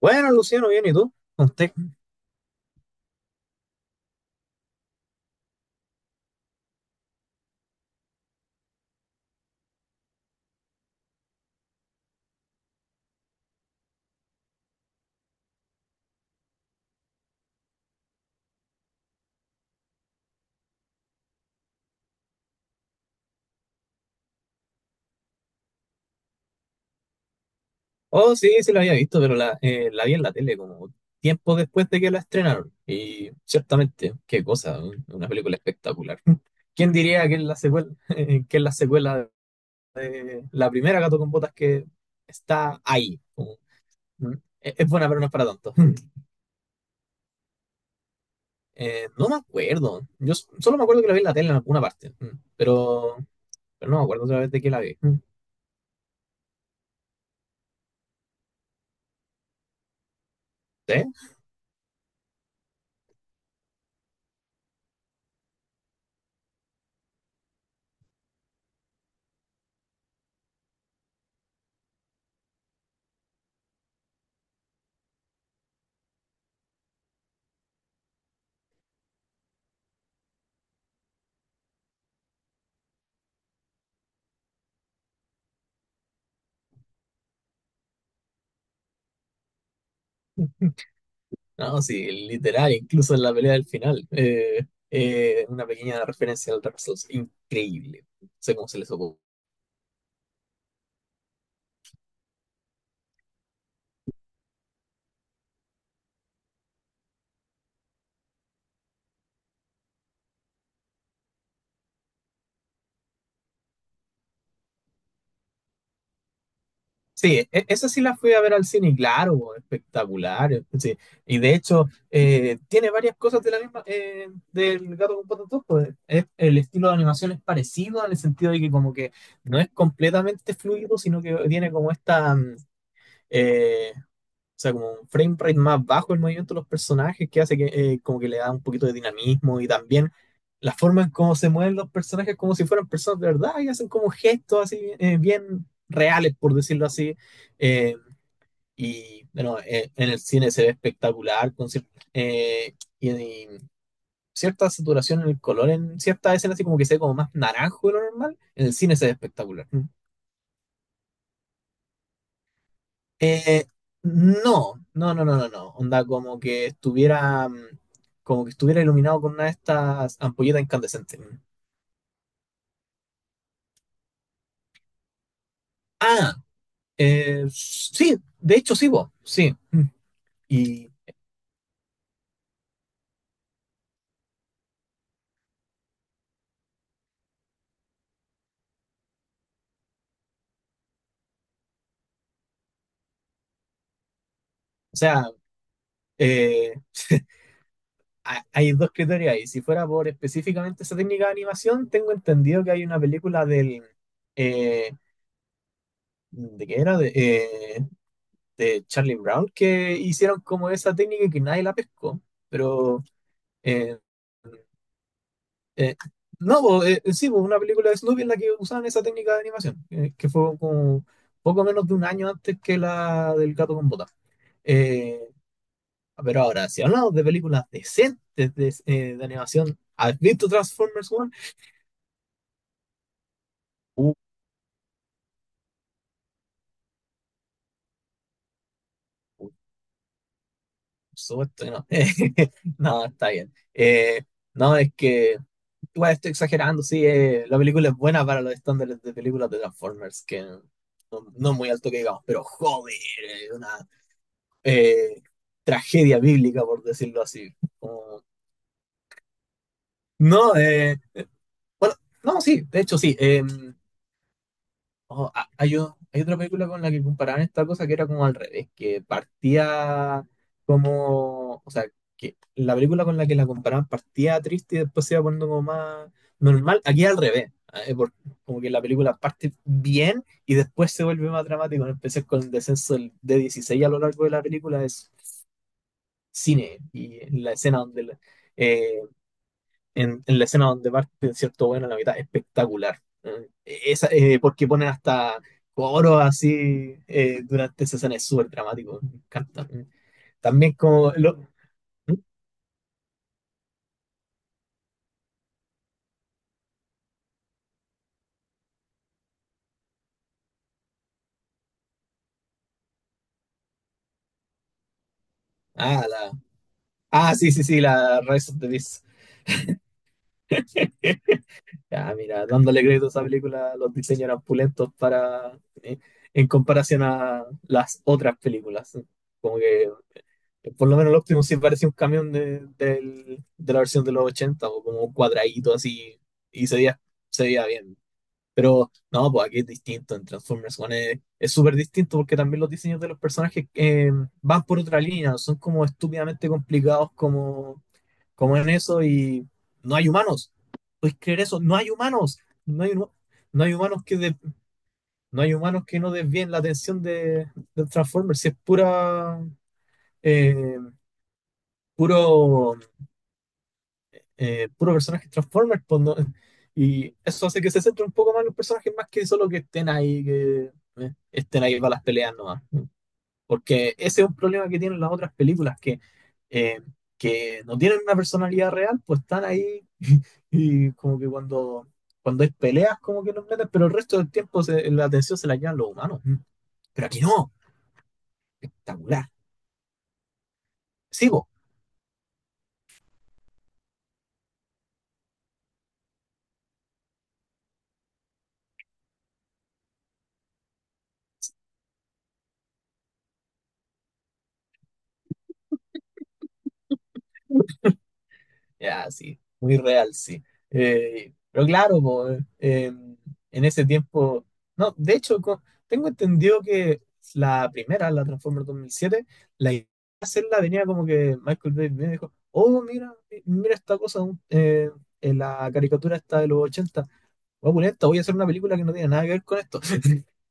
Bueno, Luciano, bien, ¿y tú? ¿Usted? Oh, sí, sí la había visto, pero la vi en la tele como tiempo después de que la estrenaron. Y ciertamente, qué cosa, una película espectacular. ¿Quién diría que es la secuela, que es la secuela de la primera Gato con Botas que está ahí? Como, mm, es buena, pero no es para tanto. No me acuerdo. Yo solo me acuerdo que la vi en la tele en alguna parte, pero no me acuerdo otra vez de que la vi. Mm. Sí. No, sí, literal, incluso en la pelea del final. Una pequeña referencia al Dark Souls, increíble. No sé cómo se les ocurrió. Sí, esa sí la fui a ver al cine, y claro, espectacular. Sí. Y de hecho, tiene varias cosas de la misma, del Gato con Botas 2, pues, el estilo de animación es parecido en el sentido de que como que no es completamente fluido, sino que tiene como esta, eh, O sea, como un frame rate más bajo el movimiento de los personajes que hace que como que le da un poquito de dinamismo y también la forma en cómo se mueven los personajes como si fueran personas de verdad y hacen como gestos así bien reales, por decirlo así. Eh, y bueno, en el cine se ve espectacular con eh, y, y cierta saturación en el color en ciertas escenas, así como que se ve como más naranjo de lo normal. En el cine se ve espectacular. Eh, no, no, no, no, no, no. Onda como que estuviera, como que estuviera iluminado con una de estas ampolletas incandescentes. Ah, sí, de hecho sí, vos, sí. Mm. Y, o sea, eh, hay dos criterios ahí. Si fuera por específicamente esa técnica de animación, tengo entendido que hay una película del, eh, ¿de qué era? De Charlie Brown que hicieron como esa técnica y que nadie la pescó, pero... eh, Eh, no, bo, sí, bo, una película de Snoopy en la que usaban esa técnica de animación, que fue como poco menos de un año antes que la del gato con botas. Eh, pero ahora, si hablamos de películas decentes de, de animación, ¿has visto Transformers 1? Uh, por supuesto que no. No, está bien. No, es que igual estoy exagerando, sí, la película es buena para los estándares de películas de Transformers, que no, no es muy alto que digamos, pero joder, es una eh, tragedia bíblica, por decirlo así. No, bueno, no, sí, de hecho sí. Oh, hay otra película con la que comparaban esta cosa que era como al revés, que partía como, o sea, que la película con la que la comparaban partía triste y después se iba poniendo como más normal. Aquí al revés, eh, por- como que la película parte bien y después se vuelve más dramático. Empecé con el descenso de 16 a lo largo de la película, es cine y en la escena donde eh, en la escena donde parte cierto bueno a la mitad espectacular. Esa, porque ponen hasta coros así durante esa escena es súper dramático, me encanta también como lo- ¿Mm? Ah la ah sí, sí, sí, la Rise of the Beast. Ah, mira, dándole crédito a esa película, los diseños eran pulentos para en comparación a las otras películas, como que por lo menos el Optimus sí parecía un camión de la versión de los 80 o como un cuadradito así y se veía bien. Pero no, pues aquí es distinto. En Transformers One es súper distinto porque también los diseños de los personajes van por otra línea, no son como estúpidamente complicados como en eso y no hay humanos. ¿Puedes creer eso? No hay humanos. No hay, no hay humanos no hay humanos que no desvíen la atención de Transformers. Si es pura eh, puro puro personajes Transformers, pues, ¿no? Y eso hace que se centre un poco más en los personajes, más que solo que estén ahí para las peleas nomás. Porque ese es un problema que tienen las otras películas, eh, que no tienen una personalidad real, pues están ahí y como que cuando hay peleas, como que los meten, pero el resto del tiempo la atención se la llevan los humanos. Mm. Pero aquí no, espectacular. Sí, po. Ya, sí, muy real, sí. Pero claro, po, en ese tiempo, no, de hecho, tengo entendido que la primera, la Transformers 2007, la idea de hacerla venía como que Michael Bay me dijo, oh, mira, mira esta cosa, en la caricatura esta de los 80 voy a voy a hacer una película que no tiene nada que ver con esto.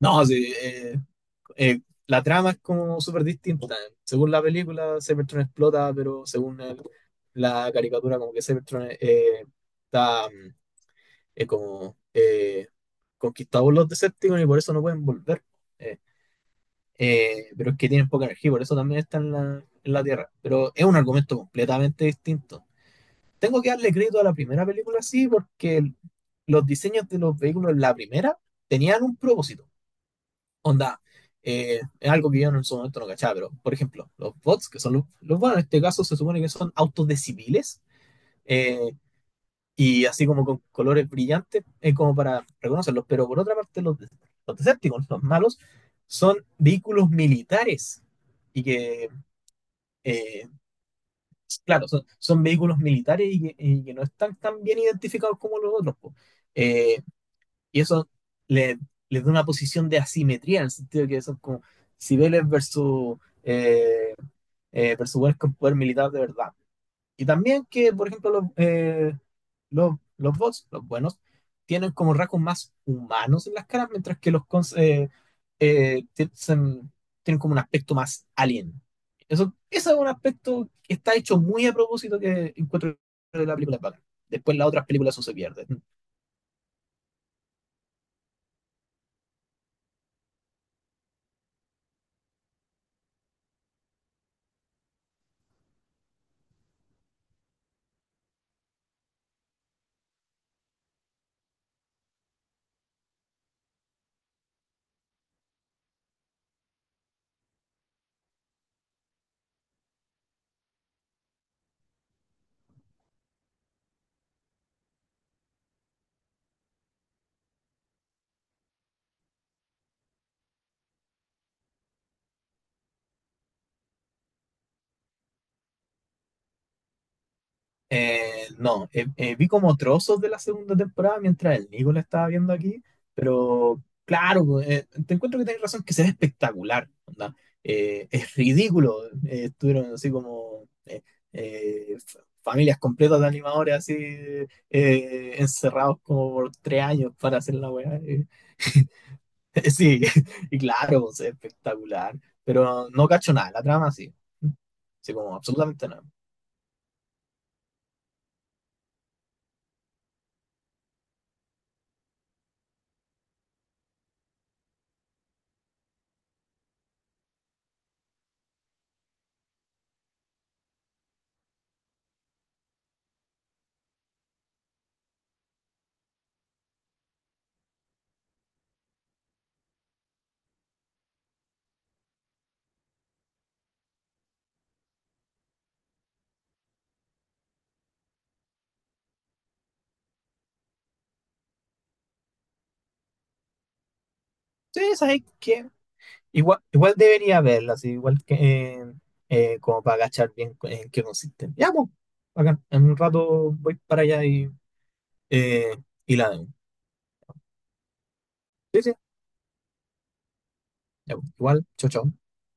No, sí, eh, la trama es como súper distinta. Según la película, Cybertron explota, pero según la caricatura, como que Cybertron está como conquistado por los Decepticons y por eso no pueden volver. Eh, pero es que tienen poca energía, por eso también están en la Tierra. Pero es un argumento completamente distinto. Tengo que darle crédito a la primera película, sí, porque los diseños de los vehículos en la primera tenían un propósito. Onda, es algo que yo en su momento no cachaba, pero por ejemplo, los bots, que son los bots en este caso se supone que son autos de civiles eh, y así como con colores brillantes, como para reconocerlos, pero por otra parte, los Decepticons, los malos, son vehículos militares y que, eh, claro, son vehículos militares y que no están tan bien identificados como los otros, po. Eh, y eso le, le da una posición de asimetría, en el sentido de que son como civiles eh, versus buenos con poder militar de verdad. Y también que, por ejemplo, los bots, los buenos, tienen como rasgos más humanos en las caras, mientras que los cons eh, tienen, tienen como un aspecto más alien. Eso, ese es un aspecto que está hecho muy a propósito que encuentro de la película es bacán. Después las otras películas eso se pierde. No, vi como trozos de la segunda temporada mientras el Nico la estaba viendo aquí, pero claro, te encuentro que tenés razón que se ve espectacular, onda. Es ridículo, estuvieron así como familias completas de animadores así encerrados como por 3 años para hacer la weá. Sí, y claro, pues, es espectacular, pero no cacho nada, la trama sí, sí como absolutamente nada. Sí, ¿sabes qué? Igual debería verla, así, igual que eh, como para agachar bien en qué consiste. Ya, pues, bacán. En un rato voy para allá eh, y la veo. Sí, sí, ya, pues, igual, chao, chao.